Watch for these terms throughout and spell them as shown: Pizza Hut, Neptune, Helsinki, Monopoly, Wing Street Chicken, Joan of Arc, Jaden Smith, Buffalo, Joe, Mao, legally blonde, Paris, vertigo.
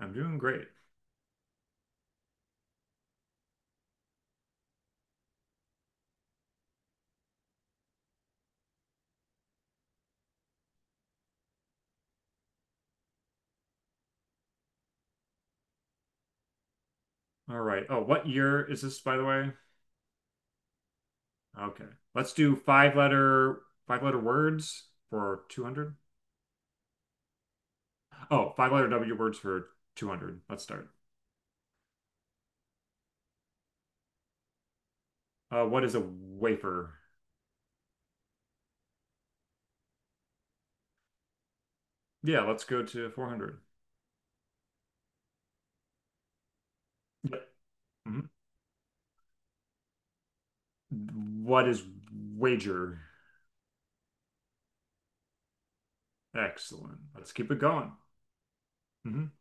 I'm doing great. All right. Oh, what year is this, by the way? Okay. Let's do five letter words for 200. Oh, five letter W words for 200. Let's start. What is a wafer? Yeah, let's go to 400. Yep. Mhm. What is wager? Excellent. Let's keep it going. Hmm.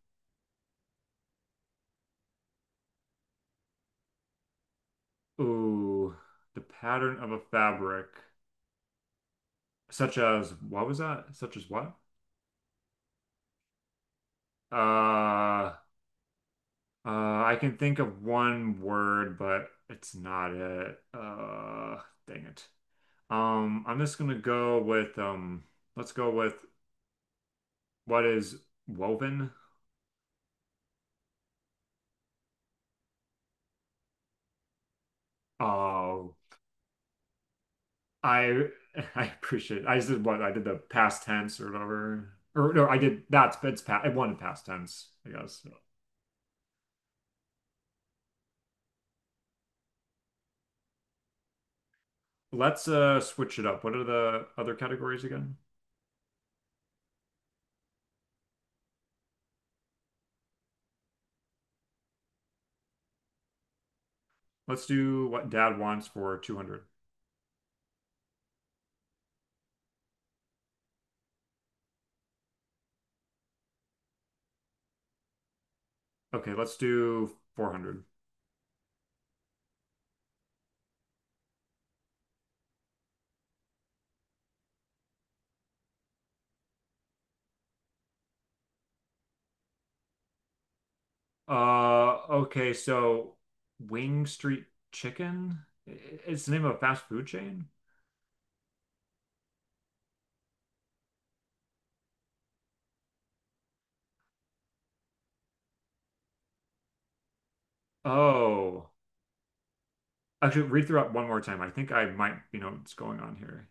Ooh, the pattern of a fabric, such as what was that? Such as what? Uh, I can think of one word, but it's not it. Dang it. I'm just gonna go with Let's go with what is woven. Oh, I I appreciate it. I just did what I did, the past tense or whatever. Or no, I did, that's it's past. I wanted past tense, I guess. Let's switch it up. What are the other categories again? Let's do what dad wants for 200. Okay, let's do 400. Okay, so Wing Street Chicken? It's the name of a fast food chain? Oh, actually, read through it one more time. I think I might, you know, what's going on here.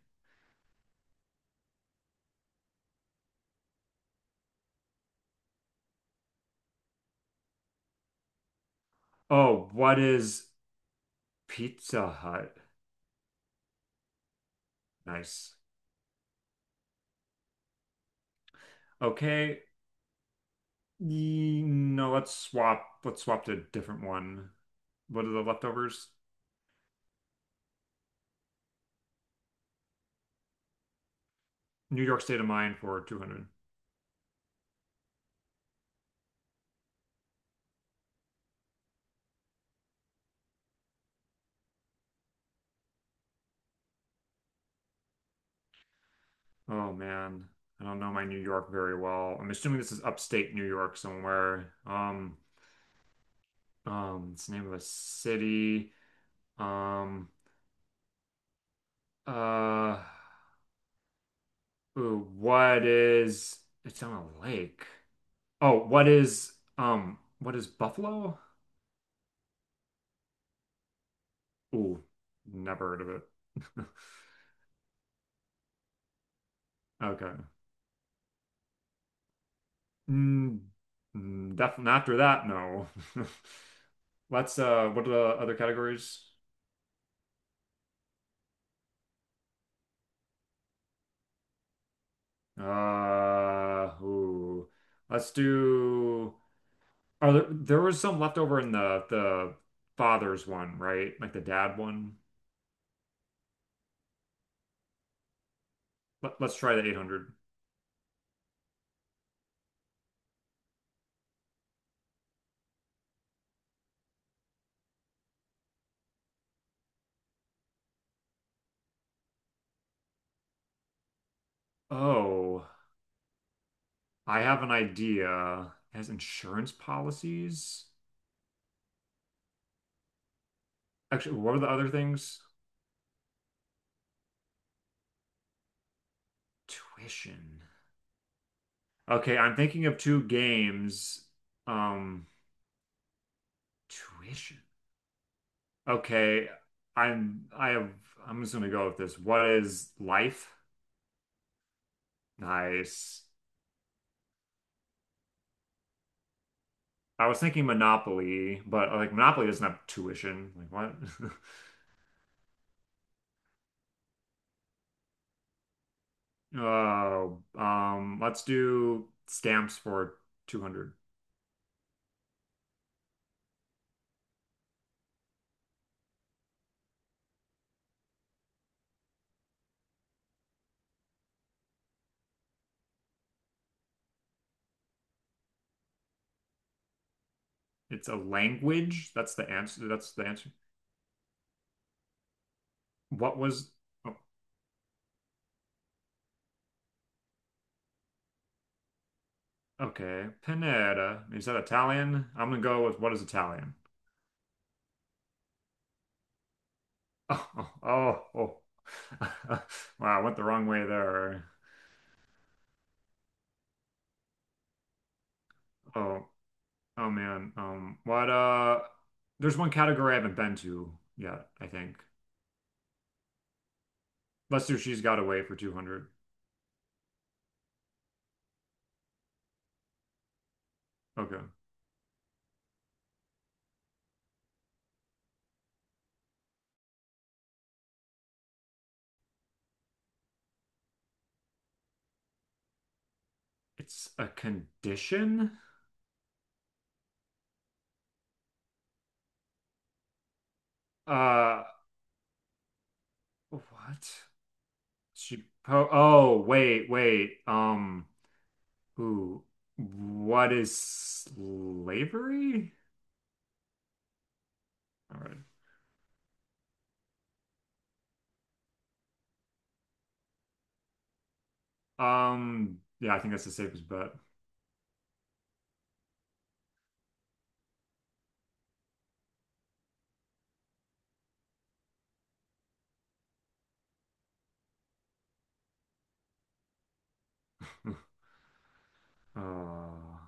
Oh, what is Pizza Hut? Nice. Okay, no, let's swap. Let's swap to a different one. What are the leftovers? New York State of Mind for 200. Oh man, I don't know my New York very well. I'm assuming this is upstate New York somewhere. It's the name of a city. um uh Ooh, what is, it's on a lake. Oh what is, what is Buffalo? Ooh, never heard of it. Okay. mm, Definitely after that, no. Let's what are the other categories? Ooh, let's do, are there there was some left over in the father's one, right? Like the dad one. Let's try the 800. Oh, I have an idea. It has insurance policies. Actually, what are the other things? Tuition. Okay, I'm thinking of two games. Um, Tuition. Okay, I'm I have I'm just gonna go with this. What is life? Nice. I was thinking Monopoly, but like Monopoly doesn't have tuition. Like what? Oh, let's do stamps for 200. It's a language. That's the answer. That's the answer. What was, oh, okay, Pineda. Is that Italian? I'm gonna go with what is Italian? Oh, oh, oh. Oh. Wow, I went the wrong way there. Oh, oh man. There's one category I haven't been to yet, I think. Lester, she's got away for 200. Okay. It's a condition? Uh, what? She, po Oh, wait. Ooh, what is slavery? All right. Yeah, I think that's the safest bet. Um,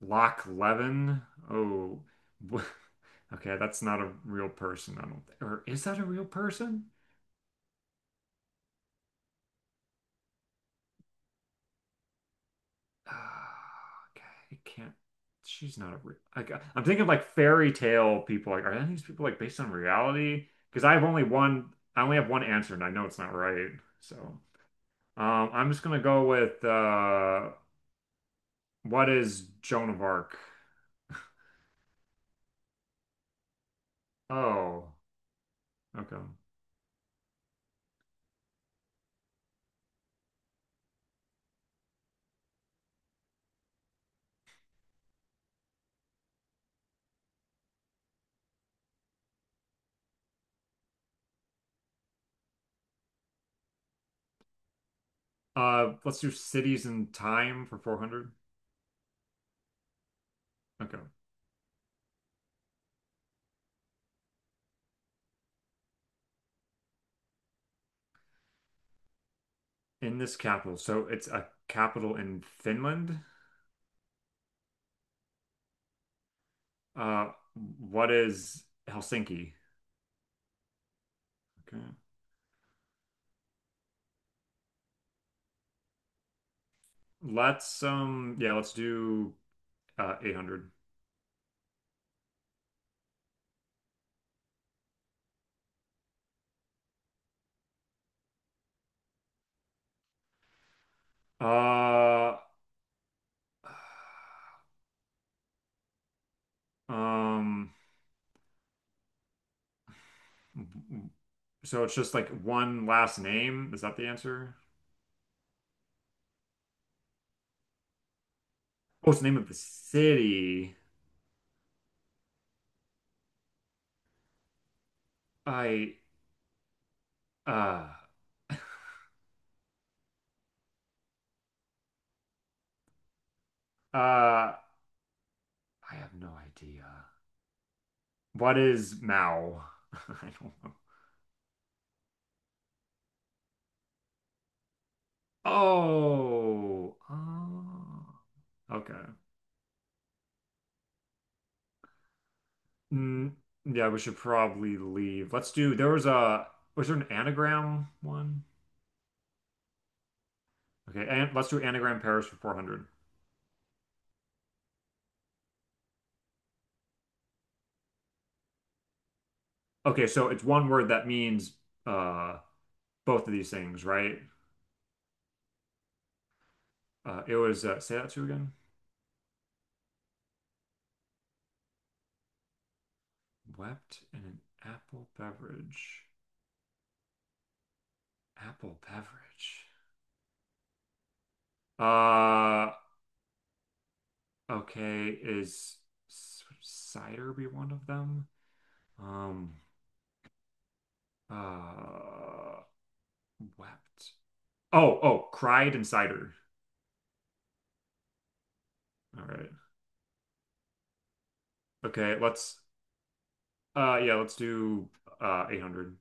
Loch Levin. Oh, wh- okay, that's not a real person. I don't think, or is that a real person? Ah, okay, it can't. She's not a real. I'm thinking of like fairy tale people. Like, are any of these people like based on reality? Because I have only one. I only have one answer, and I know it's not right. So. I'm just gonna go with what is Joan of Arc? Oh, okay. Let's do cities and time for 400. Okay. In this capital, so it's a capital in Finland. Uh, what is Helsinki? Okay. Let's yeah, let's do 800. Uh, um, so it's just like one last name. Is that the answer? Oh, it's the name of the city. I Uh, I have no idea. What is Mao? I don't know. Oh, oh. Okay. Mm, yeah, we should probably leave. Let's do, there was a, Was there an anagram one? Okay, and let's do anagram Paris for 400. Okay, so it's one word that means uh both of these things, right? It was Say that to you again. Wept in an apple beverage. Apple beverage. Uh, okay, is cider be one of them? Um, uh, Wept. Oh, cried and cider. All right. Okay, yeah, let's do, 800.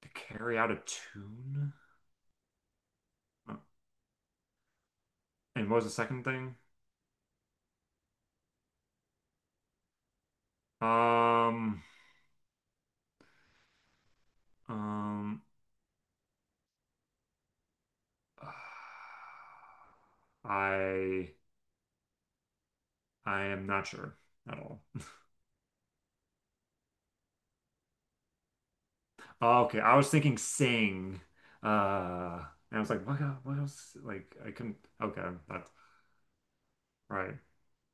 To carry out a tune? Uh, And what was the second thing? Um, um, I, I am not sure at all. Oh, okay. I was thinking sing. Uh, and I was like, what, what else? Like, I couldn't. Okay, that's right.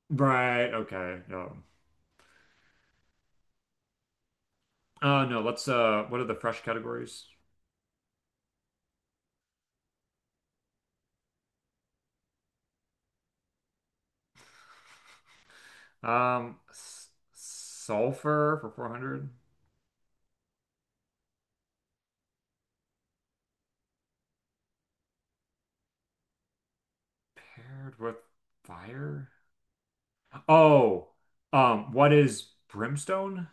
Right. Okay. No. No. Let's. What are the fresh categories? S Sulfur for 400 paired with fire. Oh, what is brimstone?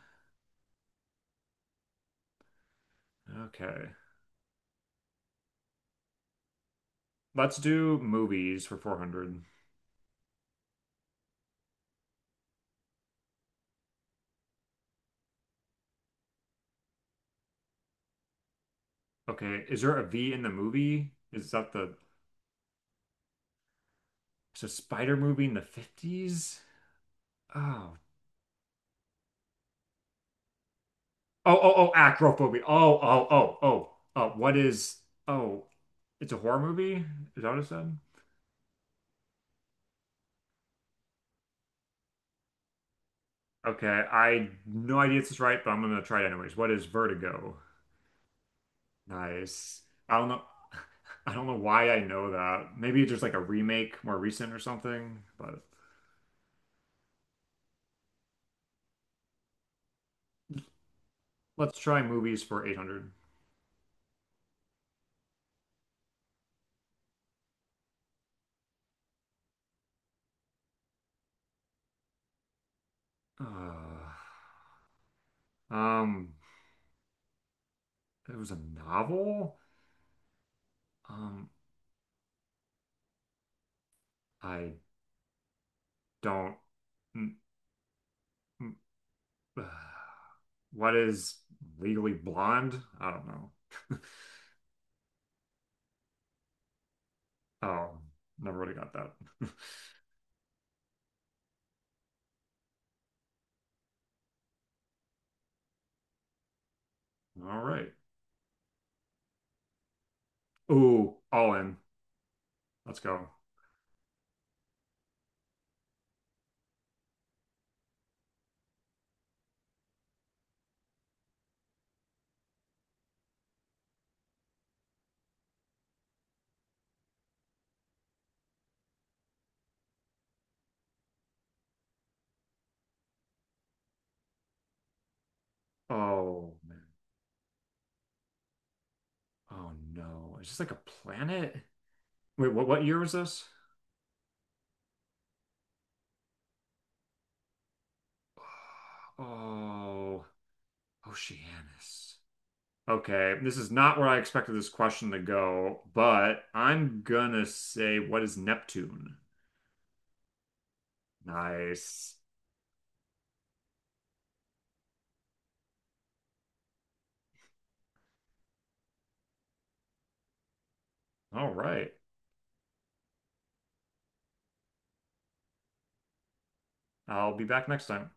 Okay. Let's do movies for 400. Okay. Is there a V in the movie? Is that the it's a spider movie in the 50s? Oh, oh, Acrophobia. Oh. Oh, it's a horror movie? Is that what it said? Okay, I no idea if this is right, but I'm gonna try it anyways. What is vertigo? Nice. I don't know. I don't know why I know that. Maybe it's just like a remake more recent or something, but let's try movies for 800. Uh, um, it was a novel? Um, I don't. mm, mm, What is legally blonde? I don't know. Oh, never would have got that. All right. Ooh, all in. Let's go. Oh man. Oh no. It's just like a planet. Wait, what year was this? Oh, Oceanus. Okay, this is not where I expected this question to go, but I'm gonna say what is Neptune? Nice. All right. I'll be back next time.